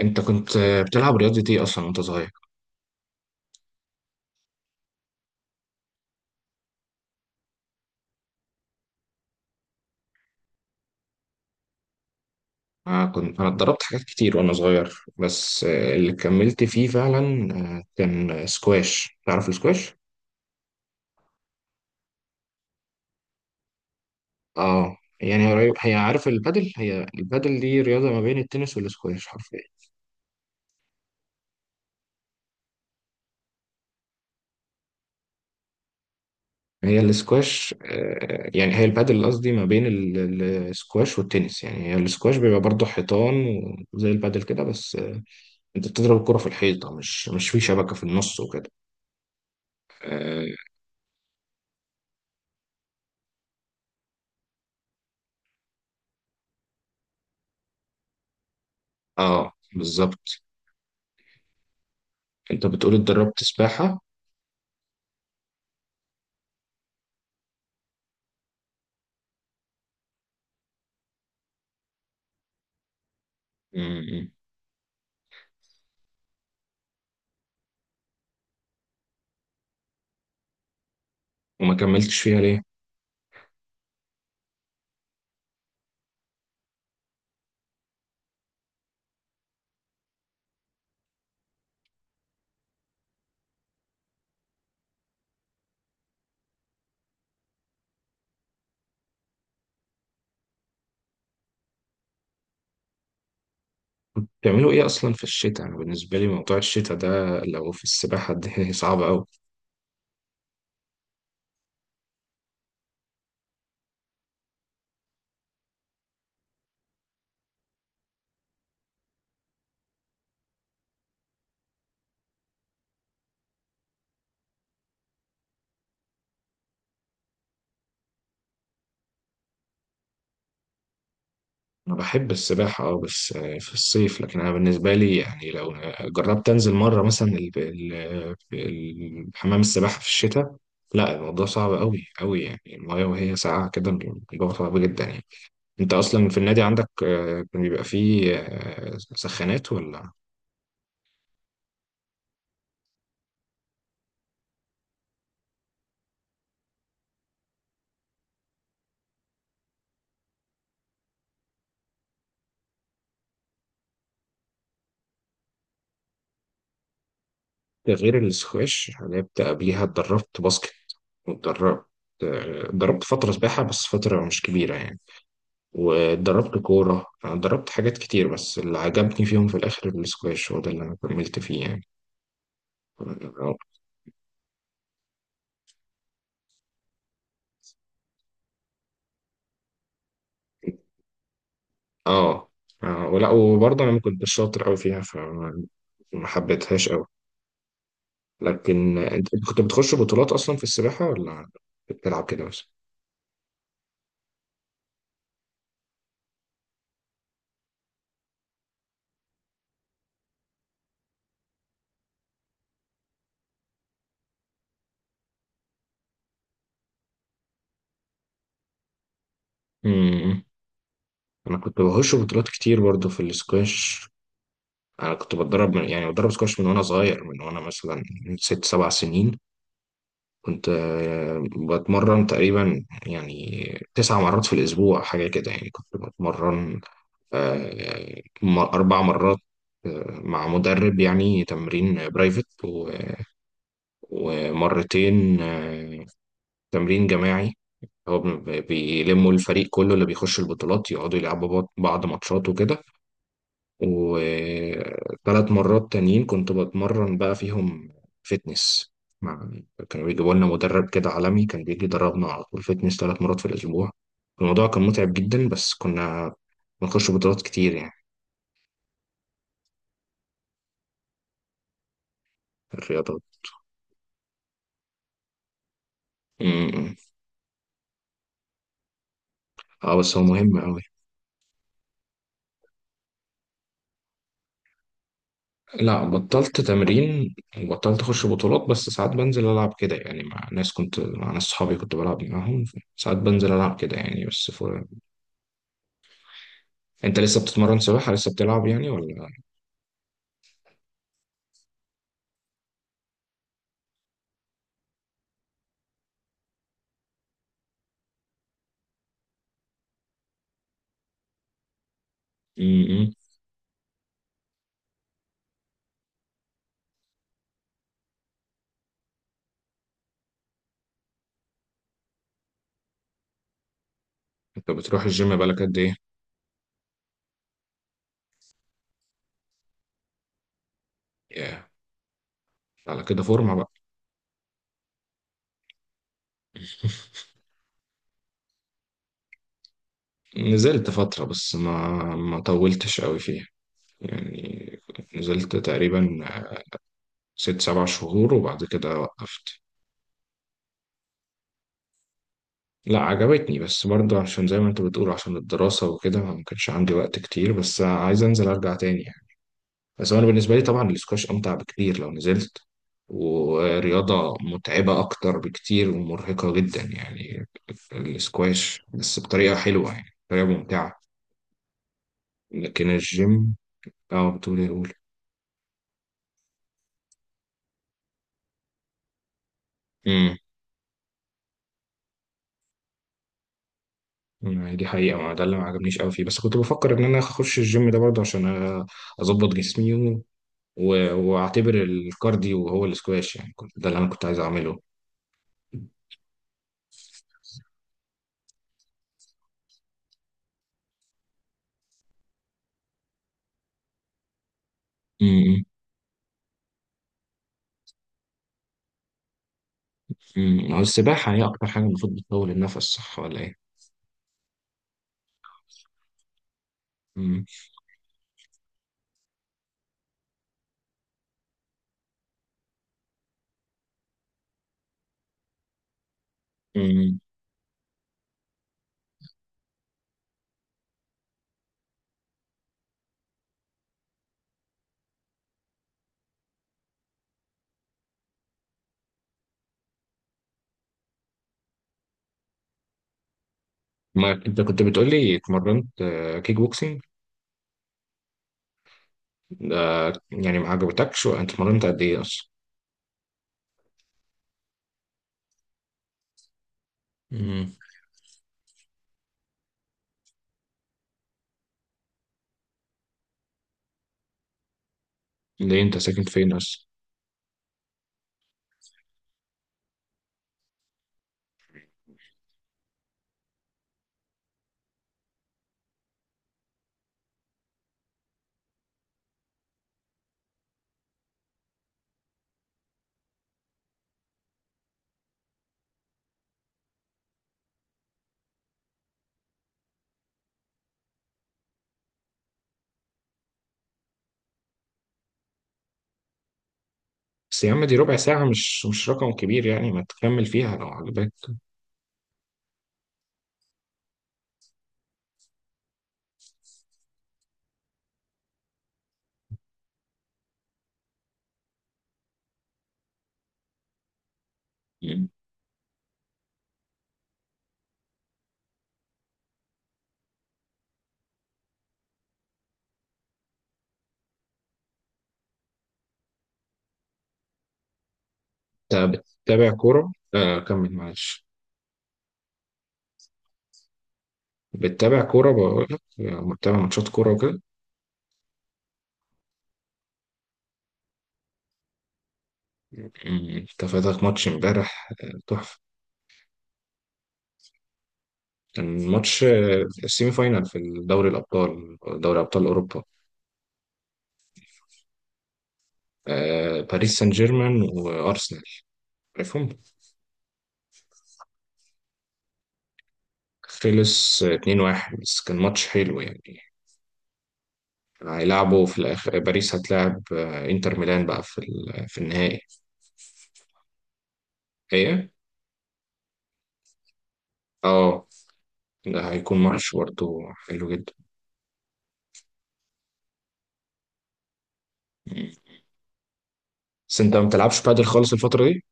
انت كنت بتلعب رياضة ايه اصلا وانت صغير؟ انا اتدربت حاجات كتير وانا صغير، بس اللي كملت فيه فعلا كان سكواش. تعرف السكواش؟ اه، يعني قريب. هي البادل دي رياضة ما بين التنس والسكواش حرفيا. هي السكواش يعني هي البادل قصدي، ما بين السكواش والتنس. يعني هي السكواش بيبقى برضه حيطان وزي البادل كده، بس انت بتضرب الكرة في الحيطة، مش في شبكة في النص وكده. اه، بالظبط. انت بتقول اتدربت سباحة. مم. وما كملتش فيها ليه؟ بتعملوا ايه اصلا في الشتاء؟ انا بالنسبة لي موضوع الشتاء ده لو في السباحة دي صعب اوي. انا بحب السباحة اه، بس في الصيف. لكن انا بالنسبة لي، يعني، لو جربت انزل مرة مثلا حمام السباحة في الشتاء، لا، الموضوع صعب اوي اوي. يعني المايه وهي ساقعة كده، الموضوع صعب جدا يعني. انت اصلا في النادي عندك كان بيبقى فيه سخانات ولا؟ ده غير السكواش. انا كنت قبليها اتدربت باسكت واتدربت. اتدربت فترة سباحة، بس فترة مش كبيرة يعني. واتدربت كورة. أنا اتدربت حاجات كتير، بس اللي عجبني فيهم في الآخر السكواش، هو ده اللي أنا كملت فيه يعني. اه، ولا وبرضه أنا ما كنتش شاطر أوي فيها، فما ما حبيتهاش أوي. لكن أنت كنت بتخش بطولات أصلا في السباحة، ولا بتلعب كده بس؟ امم. انا كنت بخش بطولات كتير برضه في السكواش. انا كنت بتدرب من، يعني، بتدرب سكواش من وانا صغير، من وانا مثلا من 6 7 سنين. كنت بتمرن تقريبا يعني 9 مرات في الاسبوع، حاجه كده. يعني كنت بتمرن 4 مرات مع مدرب، يعني تمرين برايفت، و- ومرتين تمرين جماعي. هو بيلموا الفريق كله اللي بيخش البطولات، يقعدوا يلعبوا بعض ماتشات وكده. وثلاث مرات تانيين كنت بتمرن بقى فيهم فتنس. مع كانوا بيجيبوا لنا مدرب كده عالمي كان بيجي يدربنا على طول فتنس 3 مرات في الأسبوع. الموضوع كان متعب جدا، بس كنا بنخش بطولات كتير يعني. في الرياضات. م-م. اه، بس هو مهم أوي. لا، بطلت تمرين وبطلت أخش بطولات. بس ساعات بنزل ألعب كده يعني، مع ناس صحابي كنت بلعب معاهم. ساعات بنزل ألعب كده يعني. أنت لسه بتتمرن سباحة، لسه بتلعب يعني ولا؟ امم، انت بتروح الجيم بقالك قد ايه؟ ياه، على كده فورمة بقى. نزلت فترة، بس ما طولتش قوي فيها يعني. نزلت تقريبا 6 7 شهور، وبعد كده وقفت. لا، عجبتني، بس برضه عشان زي ما انت بتقول، عشان الدراسة وكده، ما كانش عندي وقت كتير. بس عايز انزل ارجع تاني. بس هو انا بالنسبه لي طبعا الاسكواش امتع بكتير لو نزلت. ورياضه متعبه اكتر بكتير ومرهقه جدا، يعني الاسكواش بس بطريقه حلوه، يعني بطريقه ممتعه. لكن الجيم. اه، بتقول ايه، قول. امم. يعني دي حقيقه، ما ده اللي ما عجبنيش قوي فيه، بس كنت بفكر ان انا اخش الجيم ده برضه عشان أ- اظبط جسمي، واعتبر الكارديو هو الاسكواش. يعني كنت ده اللي انا كنت عايز اعمله. امم. أمم. هو السباحه هي اكتر حاجه المفروض بتطول النفس، صح ولا ايه؟ امم. أمم. ما انت كنت بتقول لي اتمرنت كيك بوكسينج ده. يعني ما عجبتكش، وانت اتمرنت قد ايه اصلا؟ امم. ليه انت ساكن فين اصلا؟ بس يا عم، دي ربع ساعة، مش رقم كبير يعني، ما تكمل فيها لو عجبك. مم. انت بتتابع كورة؟ آه، كمل معلش. بتتابع كورة، بقول لك، بتتابع ماتشات كورة وكده؟ مم، انت فاتك ماتش امبارح تحفة. كان ماتش السيمي فاينال في دوري الأبطال، دوري أبطال أوروبا. باريس سان جيرمان وأرسنال، عارفهم. خلص 2-1، بس كان ماتش حلو يعني. هيلعبوا في الآخر، باريس هتلاعب انتر ميلان بقى في في النهائي. ايه. اه، ده هيكون ماتش برضه حلو جدا. مم. بس انت ما بتلعبش بادل خالص الفترة دي؟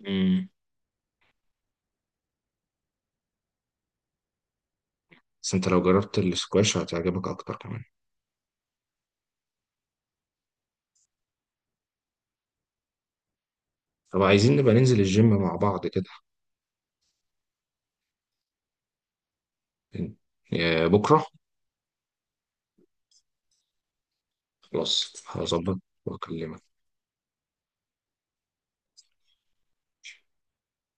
مم. بس انت لو جربت السكواش هتعجبك اكتر كمان. طب، عايزين نبقى ننزل الجيم مع بعض كده. إن- بكرة. خلاص، هظبط واكلمك.